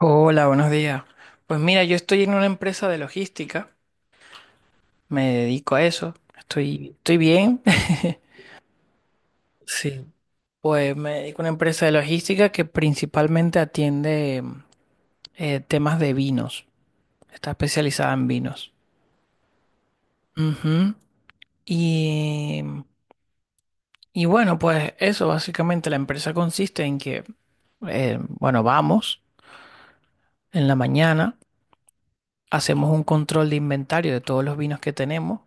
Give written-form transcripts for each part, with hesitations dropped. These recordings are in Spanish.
Hola, buenos días. Pues mira, yo estoy en una empresa de logística, me dedico a eso, estoy bien. Sí, pues me dedico a una empresa de logística que principalmente atiende temas de vinos, está especializada en vinos. Ujú. Y, y bueno, pues eso, básicamente la empresa consiste en bueno, vamos en la mañana, hacemos un control de inventario de todos los vinos que tenemos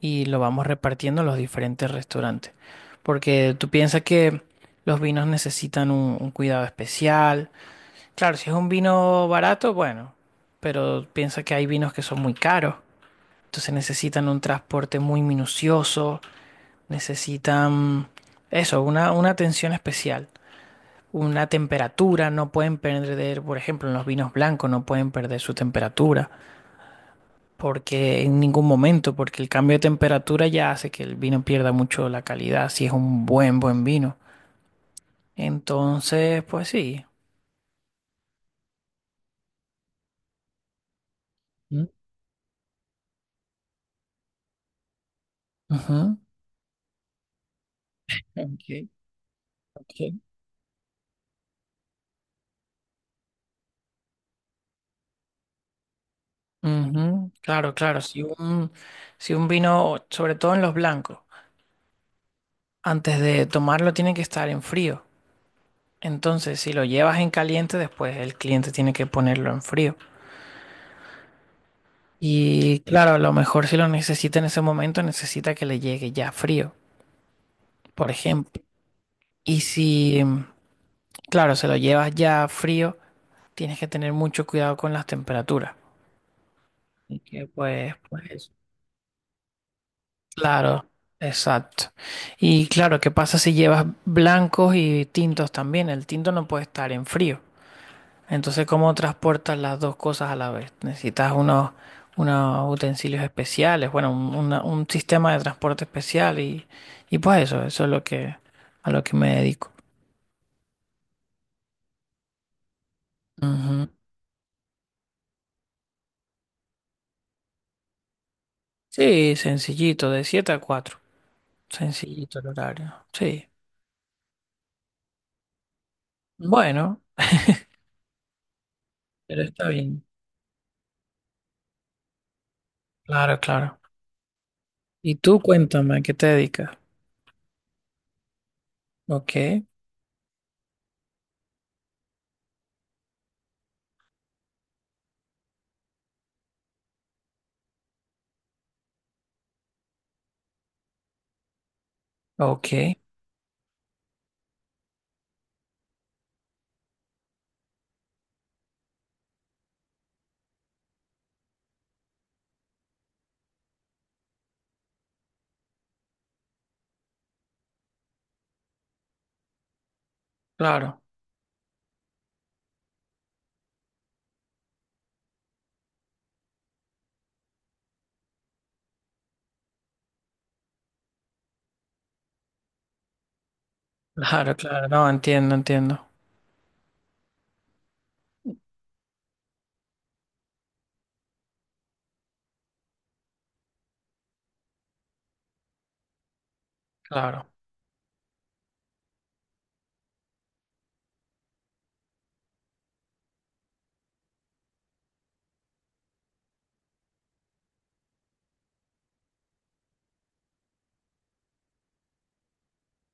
y lo vamos repartiendo a los diferentes restaurantes. Porque tú piensas que los vinos necesitan un cuidado especial. Claro, si es un vino barato, bueno, pero piensa que hay vinos que son muy caros. Entonces necesitan un transporte muy minucioso, necesitan eso, una atención especial. Una temperatura, no pueden perder, por ejemplo, en los vinos blancos no pueden perder su temperatura porque en ningún momento, porque el cambio de temperatura ya hace que el vino pierda mucho la calidad, si es un buen vino. Entonces, pues sí. Mm. Ujú. Ok, ok. Ujú. Claro, claro, si un vino, sobre todo en los blancos, antes de tomarlo tiene que estar en frío. Entonces, si lo llevas en caliente, después el cliente tiene que ponerlo en frío. Y claro, a lo mejor si lo necesita en ese momento, necesita que le llegue ya frío, por ejemplo. Y si, Claro, se lo llevas ya frío, tienes que tener mucho cuidado con las temperaturas. Y claro, exacto. Y claro, ¿qué pasa si llevas blancos y tintos también? El tinto no puede estar en frío. Entonces, ¿cómo transportas las dos cosas a la vez? Necesitas unos utensilios especiales, bueno, un sistema de transporte especial y pues eso, a lo que me dedico. Ujú. Sí, sencillito, de 7 a 4. Sencillito el horario. Sí. Bueno, pero está bien. Claro, claro. Y tú cuéntame, ¿a qué te dedicas? Ok, ok. Claro, claro, claro. No, entiendo, entiendo. Claro,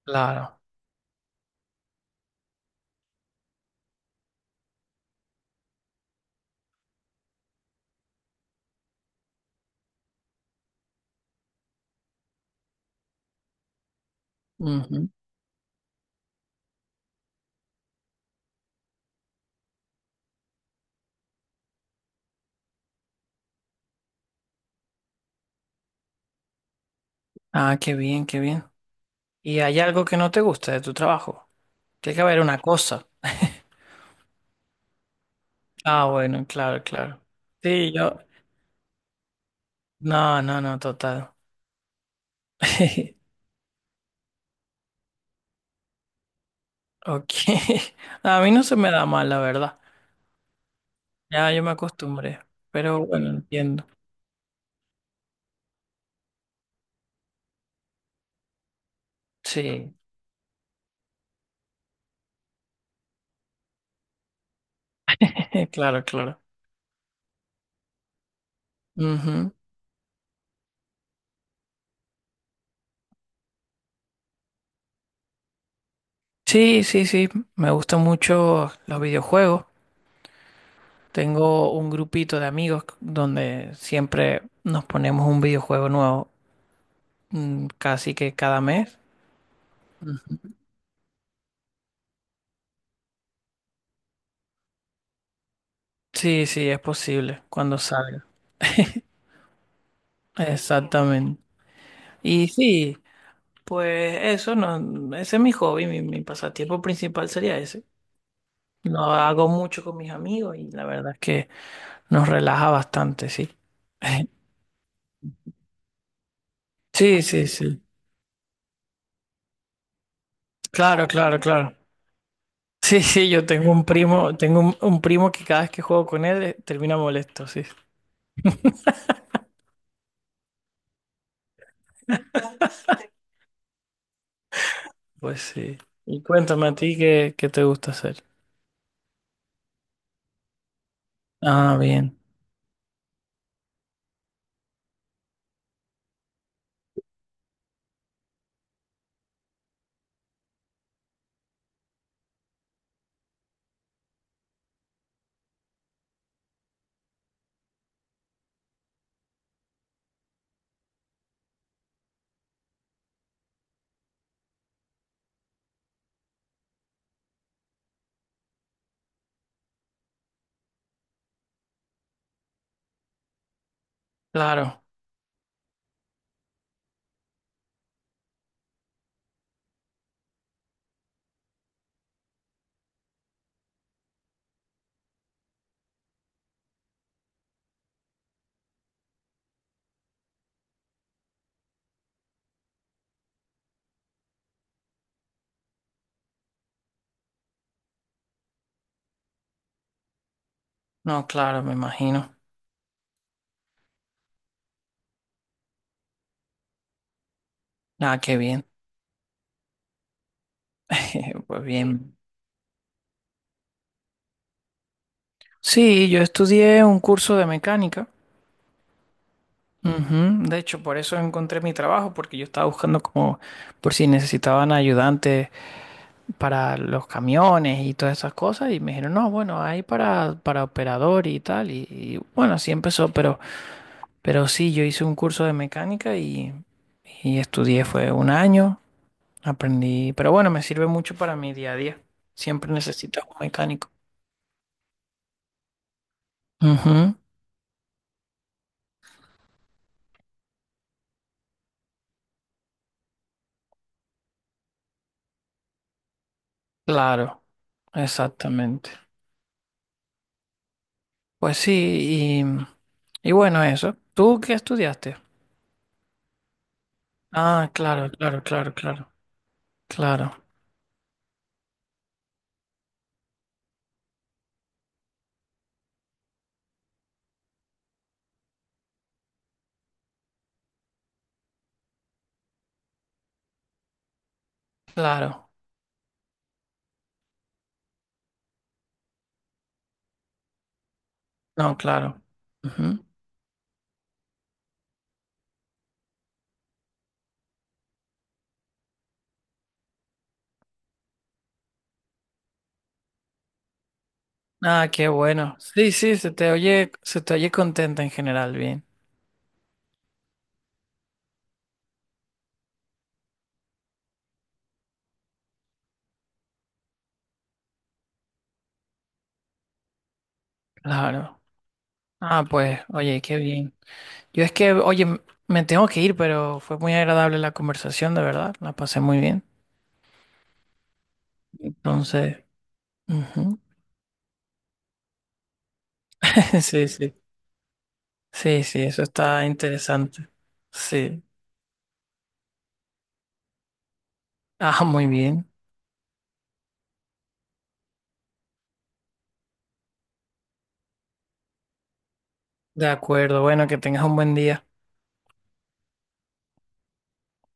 claro. Ujú. Ah, qué bien, qué bien. ¿Y hay algo que no te gusta de tu trabajo? Tiene que haber una cosa. Ah, bueno, claro, claro. Sí, yo. No, no, no, total. Ok. A mí no se me da mal, la verdad. Ya yo me acostumbré. Pero bueno, entiendo. Sí. Claro, claro. Ujú. Sí, sí, sí. Me gustan mucho los videojuegos. Tengo un grupito de amigos donde siempre nos ponemos un videojuego nuevo, casi que cada mes. Ujú. Sí, sí, es posible cuando salga. Exactamente. Y sí, pues eso no, ese es mi hobby, mi pasatiempo principal sería ese. Lo hago mucho con mis amigos y la verdad es que nos relaja bastante, sí. Sí, sí, sí. Claro, claro, claro. Sí, sí, yo tengo un primo, tengo un primo que cada vez que juego con él termina molesto, sí. Pues sí. Y cuéntame a ti qué, qué te gusta hacer. Ah, bien. Claro. No, claro, me imagino. Ah, qué bien. Pues bien. Sí, yo estudié un curso de mecánica. Ujú. De hecho, por eso encontré mi trabajo, porque yo estaba buscando como por si necesitaban ayudantes para los camiones y todas esas cosas y me dijeron, no, bueno, hay para operador y tal y bueno, así empezó, pero sí, yo hice un curso de mecánica y estudié, fue un año, aprendí, pero bueno, me sirve mucho para mi día a día, siempre necesito un mecánico. Ujú, claro, exactamente. Pues sí, y bueno, eso. ¿Tú qué estudiaste? Ah, claro, claro, claro, claro, claro, claro, no, claro. Ujú. Ah, qué bueno. Sí, sí, se te oye contenta en general, bien. Claro. Ah, pues, oye, qué bien. Yo es que, oye, me tengo que ir, pero fue muy agradable la conversación, de verdad. La pasé muy bien. Entonces, ujú. Sí, sí. Sí, sí, eso está interesante. Sí. Ah, muy bien. De acuerdo. Bueno, que tengas un buen día.